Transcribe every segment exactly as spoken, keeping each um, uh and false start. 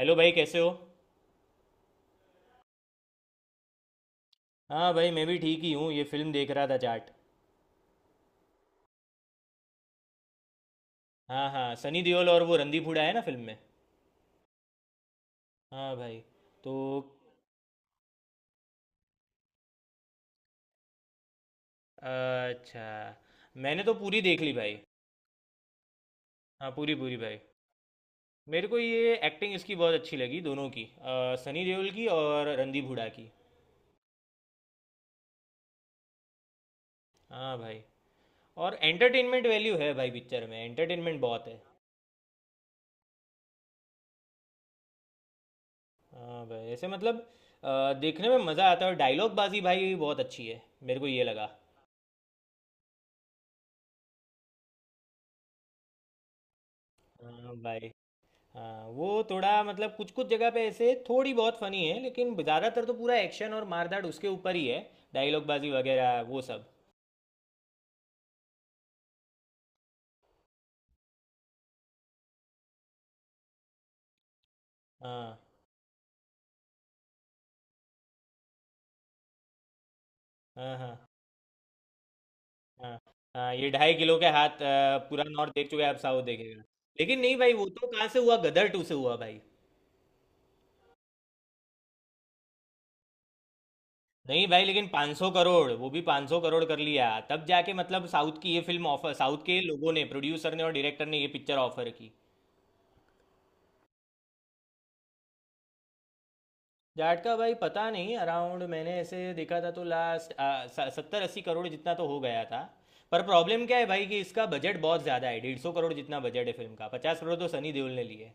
Hello भाई, कैसे हो। हाँ भाई, मैं भी ठीक ही हूँ, ये फिल्म देख रहा था, जाट। हाँ हाँ, सनी देओल और वो रणदीप हुड्डा है ना फिल्म में। हाँ भाई। तो अच्छा, मैंने तो पूरी देख ली भाई। हाँ, पूरी पूरी भाई। मेरे को ये एक्टिंग इसकी बहुत अच्छी लगी दोनों की, अ, सनी देओल की और रणदीप हुड्डा की। हाँ भाई। और एंटरटेनमेंट वैल्यू है भाई पिक्चर में, एंटरटेनमेंट बहुत है। हाँ भाई ऐसे। मतलब अ, देखने में मज़ा आता है। और डायलॉग बाजी भाई बहुत अच्छी है, मेरे को ये लगा। हाँ भाई। हाँ, वो थोड़ा मतलब कुछ कुछ जगह पे ऐसे थोड़ी बहुत फनी है, लेकिन ज़्यादातर तो पूरा एक्शन और मारधाड़ उसके ऊपर ही है। डायलॉग बाजी वगैरह वो सब। हाँ हाँ हाँ। हाँ हाँ, ये ढाई किलो के हाथ, अ, पूरा नॉर्थ देख चुका है अब साउथ देखेगा। लेकिन नहीं भाई, वो तो कहाँ से हुआ, गदर टू से हुआ भाई। नहीं भाई, लेकिन पाँच सौ करोड़, वो भी पाँच सौ करोड़ कर लिया तब जाके मतलब साउथ की ये फिल्म ऑफर, साउथ के लोगों ने, प्रोड्यूसर ने और डायरेक्टर ने ये पिक्चर ऑफर की। जाट का भाई पता नहीं, अराउंड मैंने ऐसे देखा था तो लास्ट सत्तर अस्सी करोड़ जितना तो हो गया था। पर प्रॉब्लम क्या है भाई कि इसका बजट बहुत ज़्यादा है, डेढ़ सौ करोड़ जितना बजट है फिल्म का, पचास करोड़ तो सनी देओल ने लिए।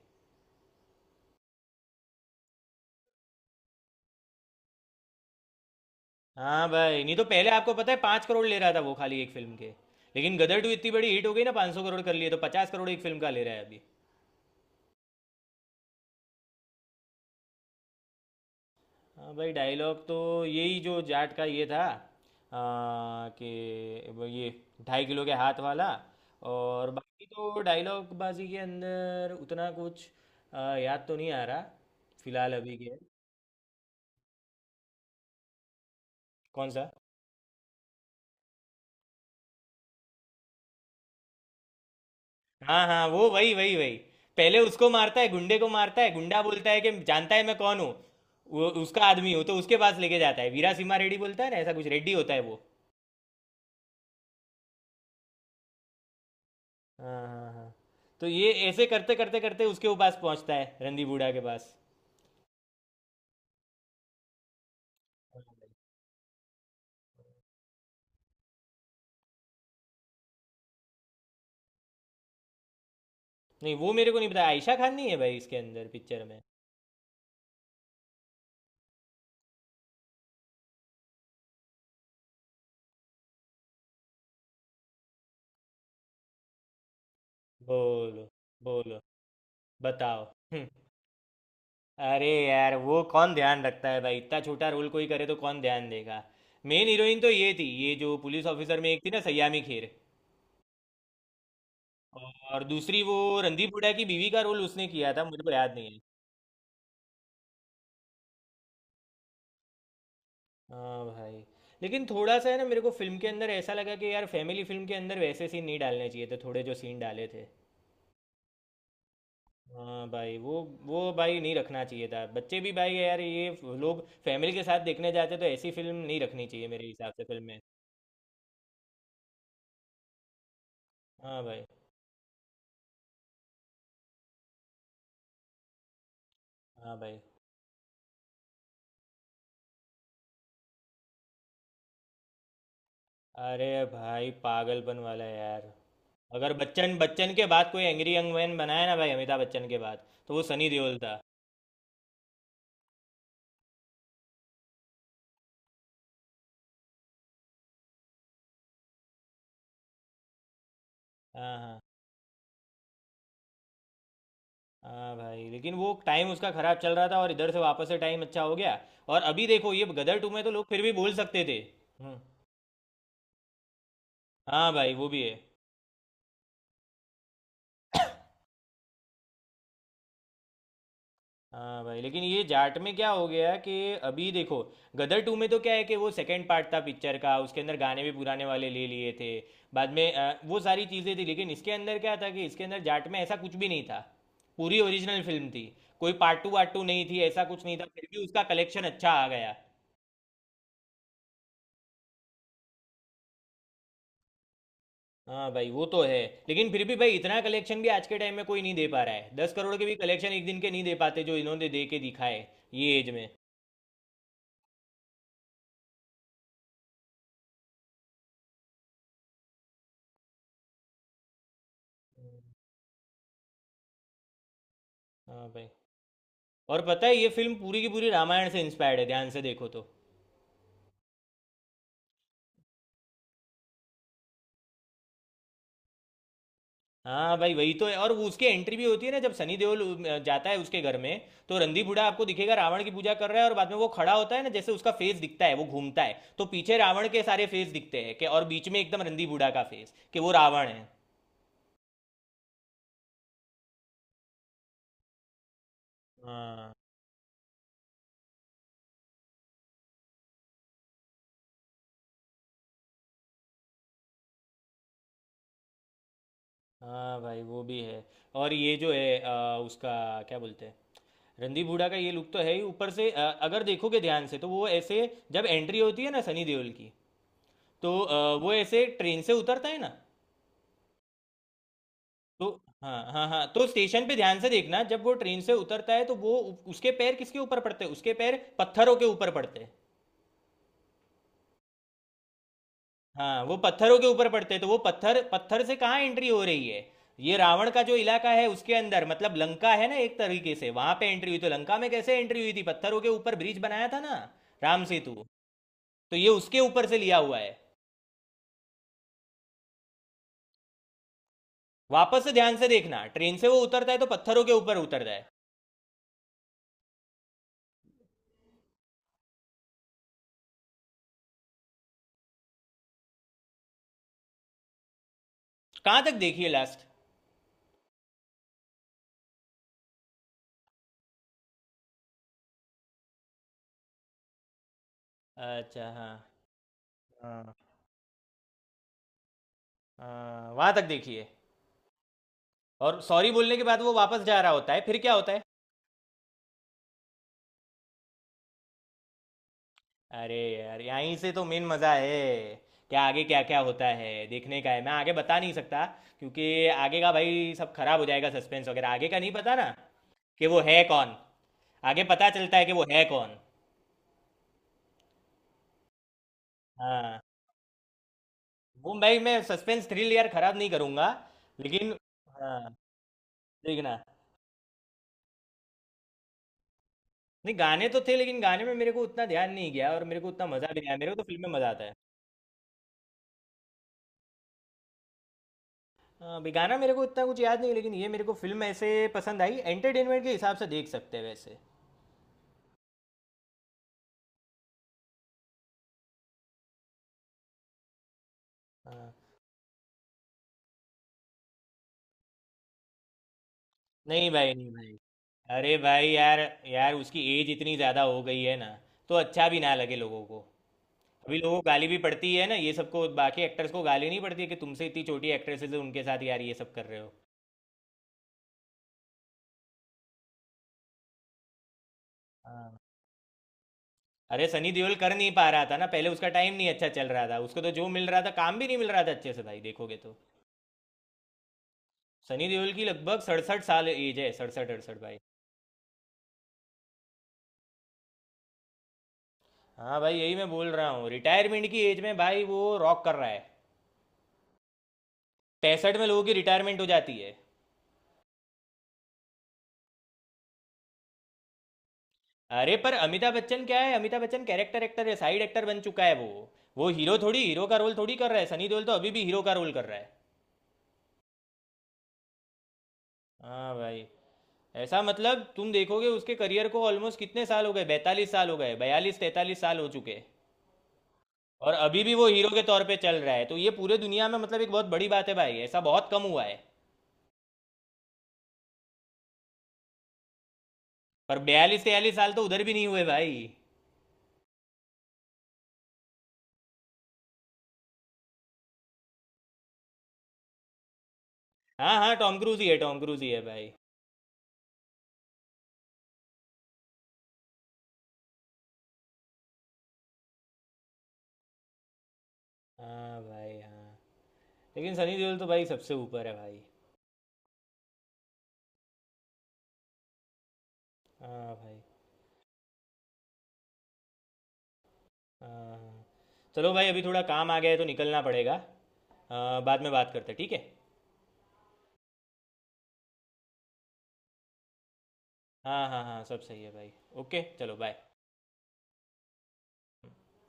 हाँ भाई, नहीं तो पहले आपको पता है पाँच करोड़ ले रहा था वो, खाली एक फिल्म के। लेकिन गदर टू इतनी बड़ी हिट हो गई ना, पाँच सौ करोड़ कर लिए, तो पचास करोड़ एक फिल्म का ले रहा है अभी। हाँ भाई, डायलॉग तो यही जो जाट का ये था, आ, कि वो ये ढाई किलो के हाथ वाला। और बाकी तो डायलॉग बाजी के अंदर उतना कुछ आ, याद तो नहीं आ रहा फिलहाल अभी के। कौन सा? हाँ हाँ, वो वही वही वही। पहले उसको मारता है, गुंडे को मारता है, गुंडा बोलता है कि जानता है मैं कौन हूँ, वो उसका आदमी हूँ, तो उसके पास लेके जाता है। वीरा सिम्हा रेड्डी बोलता है ना, ऐसा कुछ रेड्डी होता है वो। हाँ हाँ हाँ। तो ये ऐसे करते करते करते उसके पास पहुंचता है, रंदी बूढ़ा के पास। नहीं, वो मेरे को नहीं पता, आयशा खान नहीं है भाई इसके अंदर, पिक्चर में। बोलो। बोलो। बताओ। हम्म। अरे यार, वो कौन ध्यान रखता है भाई, इतना छोटा रोल कोई करे तो कौन ध्यान देगा। मेन हीरोइन तो ये थी, ये जो पुलिस ऑफिसर में एक थी ना, सयामी खेर। और दूसरी वो रणदीप हुड्डा की बीवी का रोल उसने किया था, मुझे को याद नहीं है। हाँ भाई, लेकिन थोड़ा सा है ना, मेरे को फिल्म के अंदर ऐसा लगा कि यार फैमिली फिल्म के अंदर वैसे सीन नहीं डालने चाहिए थे, थोड़े जो सीन डाले थे। हाँ भाई वो वो भाई नहीं रखना चाहिए था, बच्चे भी भाई, यार ये लोग फैमिली के साथ देखने जाते, तो ऐसी फिल्म नहीं रखनी चाहिए मेरे हिसाब से फिल्म में। हाँ भाई। हाँ भाई। अरे भाई, पागलपन वाला यार। अगर बच्चन, बच्चन के बाद कोई एंग्री यंग मैन बनाया ना भाई, अमिताभ बच्चन के बाद, तो वो सनी देओल था। हाँ हाँ। हाँ भाई, लेकिन वो टाइम उसका खराब चल रहा था, और इधर से वापस से टाइम अच्छा हो गया। और अभी देखो ये गदर टू में तो लोग फिर भी बोल सकते थे। हम्म। हाँ भाई वो भी है। हाँ भाई, लेकिन ये जाट में क्या हो गया कि, अभी देखो, गदर टू में तो क्या है कि वो सेकंड पार्ट था पिक्चर का, उसके अंदर गाने भी पुराने वाले ले लिए थे बाद में, अ, वो सारी चीज़ें थी। लेकिन इसके अंदर क्या था कि इसके अंदर जाट में ऐसा कुछ भी नहीं था, पूरी ओरिजिनल फिल्म थी, कोई पार्ट टू वार्ट टू नहीं थी, ऐसा कुछ नहीं था, फिर भी उसका कलेक्शन अच्छा आ गया। हाँ भाई वो तो है, लेकिन फिर भी भाई इतना कलेक्शन भी आज के टाइम में कोई नहीं दे पा रहा है। दस करोड़ के भी कलेक्शन एक दिन के नहीं दे पाते, जो इन्होंने दे के दिखाए ये एज में। हाँ भाई। और पता है ये फिल्म पूरी की पूरी रामायण से इंस्पायर्ड है, ध्यान से देखो तो। हाँ भाई वही तो है। और वो उसकी एंट्री भी होती है ना, जब सनी देओल अ, जाता है उसके घर में, तो रंदी बूढ़ा आपको दिखेगा, रावण की पूजा कर रहा है। और बाद में वो खड़ा होता है ना, जैसे उसका फेस दिखता है, वो घूमता है तो पीछे रावण के सारे फेस दिखते हैं, कि और बीच में एकदम रंदी बूढ़ा का फेस, कि वो रावण है। हाँ। हाँ भाई वो भी है। और ये जो है अ, उसका क्या बोलते हैं, रणदीप हुड्डा का ये लुक तो है ही, ऊपर से अ, अगर देखोगे ध्यान से, तो वो ऐसे, जब एंट्री होती है ना सनी देओल की, तो अ, वो ऐसे ट्रेन से उतरता है ना। तो हाँ हाँ हाँ, तो स्टेशन पे ध्यान से देखना, जब वो ट्रेन से उतरता है, तो वो उ- उसके पैर किसके ऊपर पड़ते हैं, उसके पैर पत्थरों के ऊपर पड़ते हैं। हाँ, वो पत्थरों के ऊपर पड़ते हैं, तो वो पत्थर, पत्थर से कहाँ एंट्री हो रही है, ये रावण का जो इलाका है उसके अंदर, मतलब लंका है ना एक तरीके से, वहां पे एंट्री हुई। तो लंका में कैसे एंट्री हुई थी, पत्थरों के ऊपर ब्रिज बनाया था ना, राम सेतु। तो ये उसके ऊपर से लिया हुआ है। वापस से ध्यान से देखना, ट्रेन से वो उतरता है तो पत्थरों के ऊपर उतरता है। कहाँ तक देखिए, लास्ट? अच्छा हाँ। हाँ, हाँ वहाँ तक देखिए। और सॉरी बोलने के बाद वो वापस जा रहा होता है, फिर क्या होता है? अरे यार, यहीं से तो मेन मज़ा है। क्या आगे क्या क्या होता है, देखने का है। मैं आगे बता नहीं सकता, क्योंकि आगे का भाई सब खराब हो जाएगा सस्पेंस वगैरह, आगे का नहीं पता ना, कि वो है कौन। आगे पता चलता है कि वो है कौन। हाँ, मुंबई में सस्पेंस थ्रिल यार खराब नहीं करूंगा। लेकिन हाँ, देखना। नहीं, गाने तो थे, लेकिन गाने में मेरे को उतना ध्यान नहीं गया, और मेरे को उतना मजा भी नहीं आया। मेरे को तो फिल्म में मजा आता है। हाँ भी गाना मेरे को इतना कुछ याद नहीं, लेकिन ये मेरे को फिल्म ऐसे पसंद आई, एंटरटेनमेंट के हिसाब से देख सकते हैं वैसे। हाँ। नहीं भाई नहीं भाई। अरे भाई यार, यार उसकी एज इतनी ज़्यादा हो गई है ना, तो अच्छा भी ना लगे लोगों को। अभी लोगों को गाली भी पड़ती है ना ये सबको, बाकी एक्टर्स को गाली नहीं पड़ती है कि तुमसे इतनी छोटी एक्ट्रेसेस है, उनके साथ यार ये सब कर रहे हो। हाँ। अरे सनी देओल कर नहीं पा रहा था ना पहले, उसका टाइम नहीं अच्छा चल रहा था, उसको तो जो मिल रहा था काम भी नहीं मिल रहा था अच्छे से भाई, देखोगे तो। सनी देओल की लगभग सड़सठ साल एज है, सड़सठ अड़सठ भाई। हाँ भाई, यही मैं बोल रहा हूँ, रिटायरमेंट की एज में भाई वो रॉक कर रहा है। पैंसठ में लोगों की रिटायरमेंट हो जाती है। अरे पर अमिताभ बच्चन क्या है, अमिताभ बच्चन कैरेक्टर एक्टर है, साइड एक्टर बन चुका है वो वो हीरो थोड़ी, हीरो का रोल थोड़ी कर रहा है। सनी देओल तो अभी भी हीरो का रोल कर रहा है। हाँ भाई। ऐसा मतलब तुम देखोगे उसके करियर को, ऑलमोस्ट कितने साल हो गए, बैतालीस साल हो गए, बयालीस तैतालीस साल हो चुके। और अभी भी वो हीरो के तौर पे चल रहा है, तो ये पूरे दुनिया में मतलब एक बहुत बड़ी बात है भाई, ऐसा बहुत कम हुआ है। पर बयालीस तैयालीस साल तो उधर भी नहीं हुए भाई। हाँ हाँ, टॉम क्रूज ही है, टॉम क्रूज ही है भाई। हाँ भाई। हाँ, लेकिन सनी देओल तो भाई सबसे ऊपर है भाई। हाँ भाई। हाँ हाँ। चलो भाई, अभी थोड़ा काम आ गया है तो निकलना पड़ेगा। आ, बाद में बात करते हैं, ठीक है। हाँ हाँ हाँ, सब सही है भाई। ओके चलो, बाय।